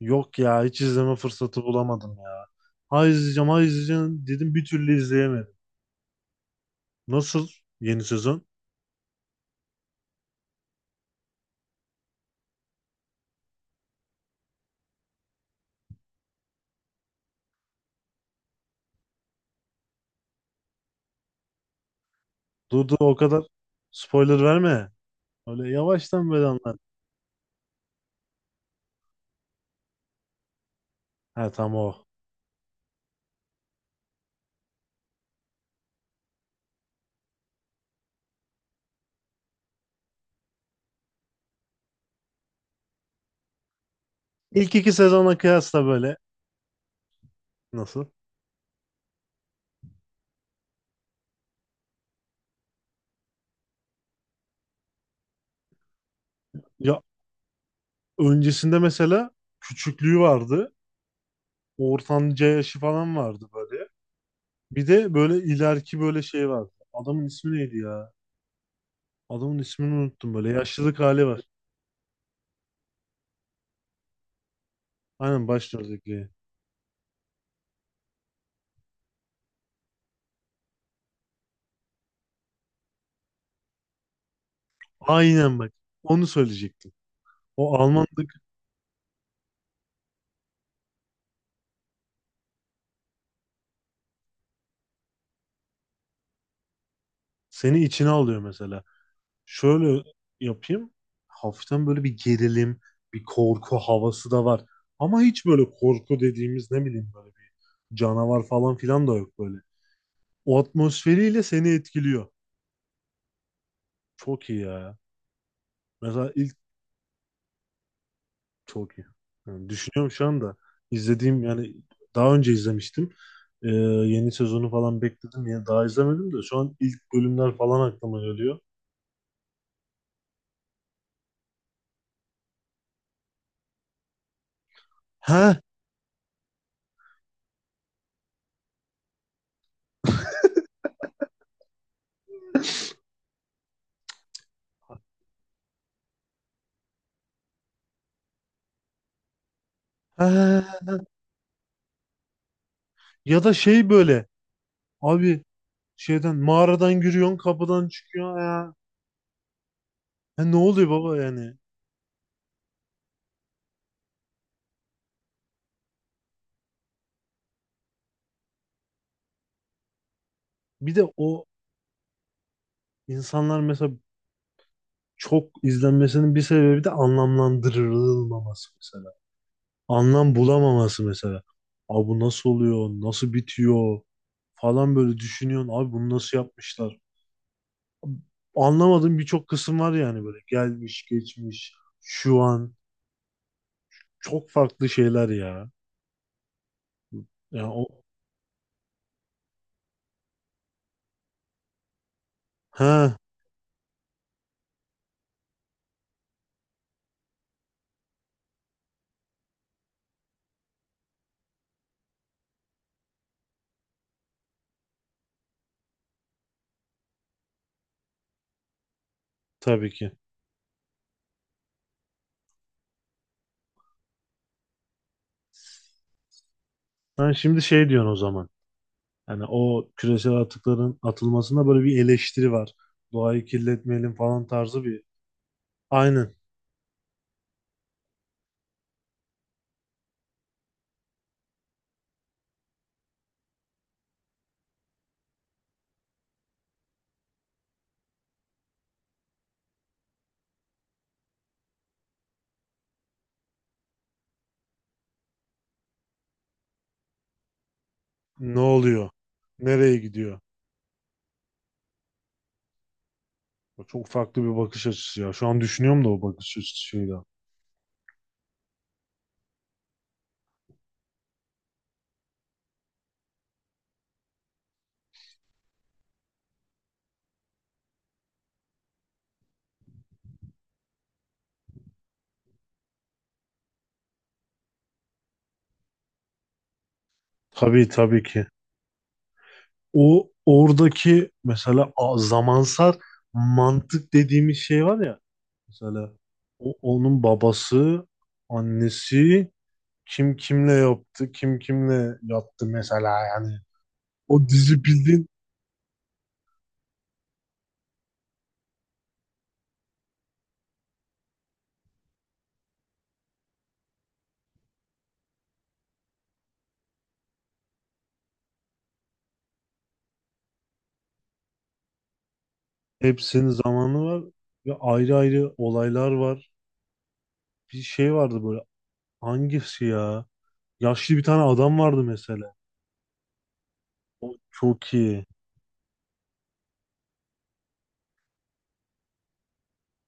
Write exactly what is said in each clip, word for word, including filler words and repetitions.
Yok ya, hiç izleme fırsatı bulamadım ya. Ha izleyeceğim ha izleyeceğim dedim, bir türlü izleyemedim. Nasıl yeni sezon? Dur dur, o kadar spoiler verme. Öyle yavaştan böyle anlat. Ha tamam o. İlk iki sezona kıyasla böyle nasıl? Ya öncesinde mesela küçüklüğü vardı. Ortanca yaşı falan vardı böyle. Bir de böyle ileriki böyle şey vardı. Adamın ismi neydi ya? Adamın ismini unuttum böyle. Yaşlılık hali var. Aynen başlıyorduk. Aynen bak. Onu söyleyecektim. O Almanlık seni içine alıyor mesela. Şöyle yapayım. Hafiften böyle bir gerilim, bir korku havası da var. Ama hiç böyle korku dediğimiz ne bileyim böyle bir canavar falan filan da yok böyle. O atmosferiyle seni etkiliyor. Çok iyi ya. Mesela ilk çok iyi. Yani düşünüyorum şu anda. İzlediğim yani daha önce izlemiştim. Ee, Yeni sezonu falan bekledim. Yani daha izlemedim de şu an ilk bölümler falan aklıma geliyor. He, he. Ya da şey böyle. Abi şeyden mağaradan giriyorsun, kapıdan çıkıyor ya. Ya ne oluyor baba yani? Bir de o insanlar mesela çok izlenmesinin bir sebebi de anlamlandırılmaması mesela. Anlam bulamaması mesela. Abi bu nasıl oluyor? Nasıl bitiyor? Falan böyle düşünüyorsun. Abi bunu nasıl yapmışlar? Anlamadığım birçok kısım var yani böyle. Gelmiş, geçmiş, şu an. Çok farklı şeyler ya. Ya o... Ha tabii ki. Ben şimdi şey diyorsun o zaman. Yani o küresel atıkların atılmasında böyle bir eleştiri var. Doğayı kirletmeyelim falan tarzı bir. Aynen. Ne oluyor? Nereye gidiyor? O çok farklı bir bakış açısı ya. Şu an düşünüyorum da o bakış açısıyla. Tabii, tabii ki. O oradaki mesela a- zamansal mantık dediğimiz şey var ya. Mesela o, onun babası, annesi kim kimle yaptı, kim kimle yattı mesela yani. O dizi bildiğin. Hepsinin zamanı var ve ayrı ayrı olaylar var. Bir şey vardı böyle, hangisi ya? Yaşlı bir tane adam vardı mesela. O çok iyi.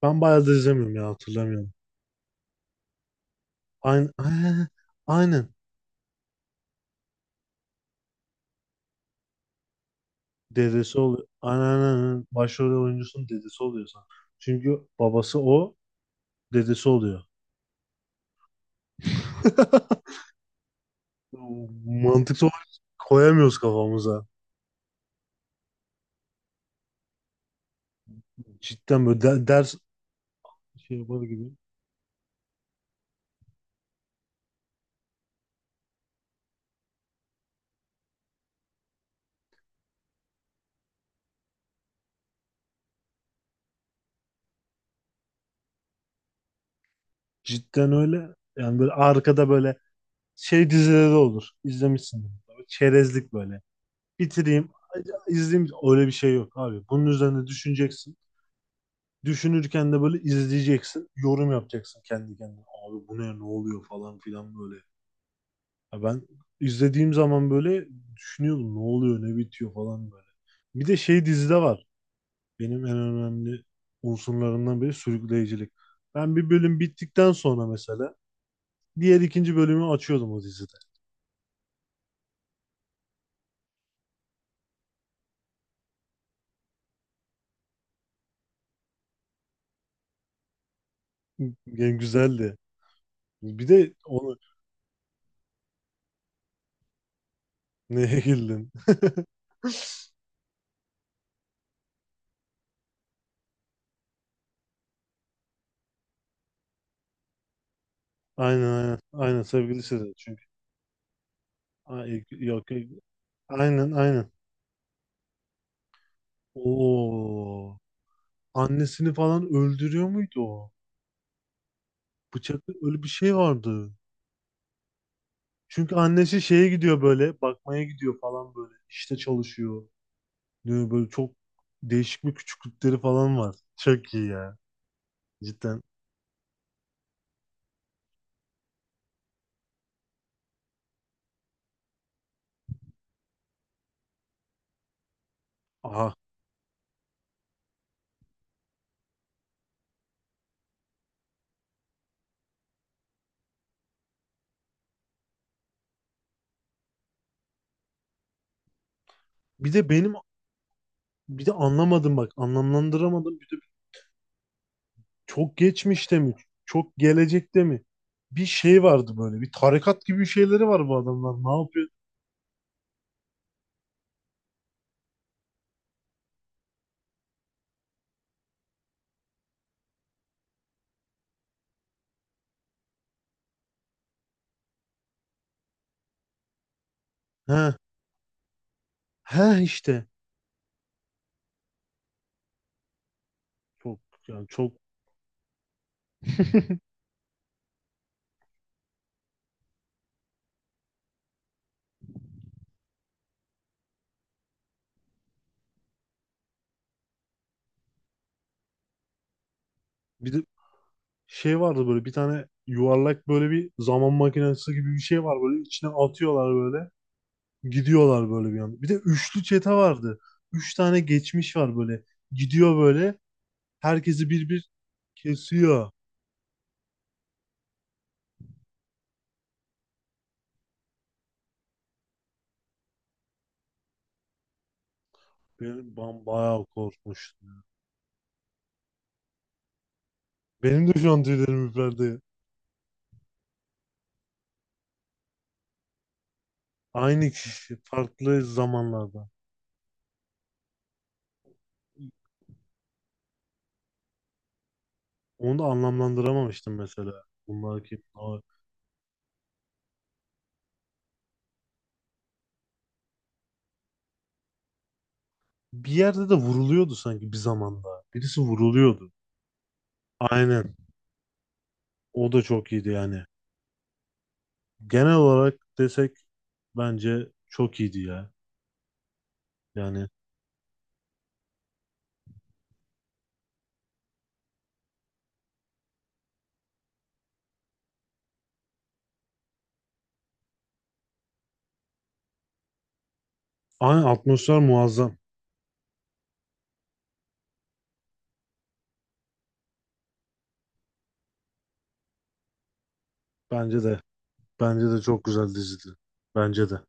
Ben bayağı da izlemiyorum ya, hatırlamıyorum. Aynen. Aynen. Dedesi oluyor. Aynen, aynen, aynen. Başrol oyuncusunun dedesi oluyor sanırım. Çünkü babası o, dedesi oluyor. Mantıksal olarak koyamıyoruz kafamıza. Cidden böyle de- ders şey yapar gibi. Cidden öyle. Yani böyle arkada böyle şey dizileri olur. İzlemişsin. Çerezlik böyle. Bitireyim, izleyeyim. Öyle bir şey yok abi. Bunun üzerine düşüneceksin. Düşünürken de böyle izleyeceksin. Yorum yapacaksın kendi kendine. Abi bu ne ne oluyor falan filan böyle. Ya ben izlediğim zaman böyle düşünüyordum. Ne oluyor ne bitiyor falan böyle. Bir de şey dizide var. Benim en önemli unsurlarından biri sürükleyicilik. Ben bir bölüm bittikten sonra mesela diğer ikinci bölümü açıyordum o dizide. Yani güzeldi. Bir de onu neye güldün? Aynen, aynen. Aynen sevgilisi de çünkü. Ay, e, yok, yok. Aynen, aynen. Oo. Annesini falan öldürüyor muydu o? Bıçaklı öyle bir şey vardı. Çünkü annesi şeye gidiyor, böyle bakmaya gidiyor falan böyle. İşte çalışıyor. Diyor, böyle çok değişik bir küçüklükleri falan var. Çok iyi ya cidden. Aha. Bir de benim bir de anlamadım bak, anlamlandıramadım. Bir de çok geçmişte mi? Çok gelecekte mi? Bir şey vardı böyle. Bir tarikat gibi bir şeyleri var bu adamlar. Ne yapıyor? He, he işte. Çok, yani çok. Bir de şey vardı böyle, bir tane yuvarlak böyle bir zaman makinesi gibi bir şey var böyle, içine atıyorlar böyle. Gidiyorlar böyle bir anda. Bir de üçlü çete vardı. Üç tane geçmiş var böyle. Gidiyor böyle. Herkesi bir bir kesiyor. Benim ben bayağı korkmuştum. Benim de şu an tüylerim ürperdi. Aynı kişi farklı zamanlarda. Onu da anlamlandıramamıştım mesela. Bunlar kim? Aa, bir yerde de vuruluyordu sanki bir zamanda. Birisi vuruluyordu. Aynen. O da çok iyiydi yani. Genel olarak desek bence çok iyiydi ya. Yani aynı atmosfer muazzam. Bence de. Bence de çok güzel dizidi. Bence de.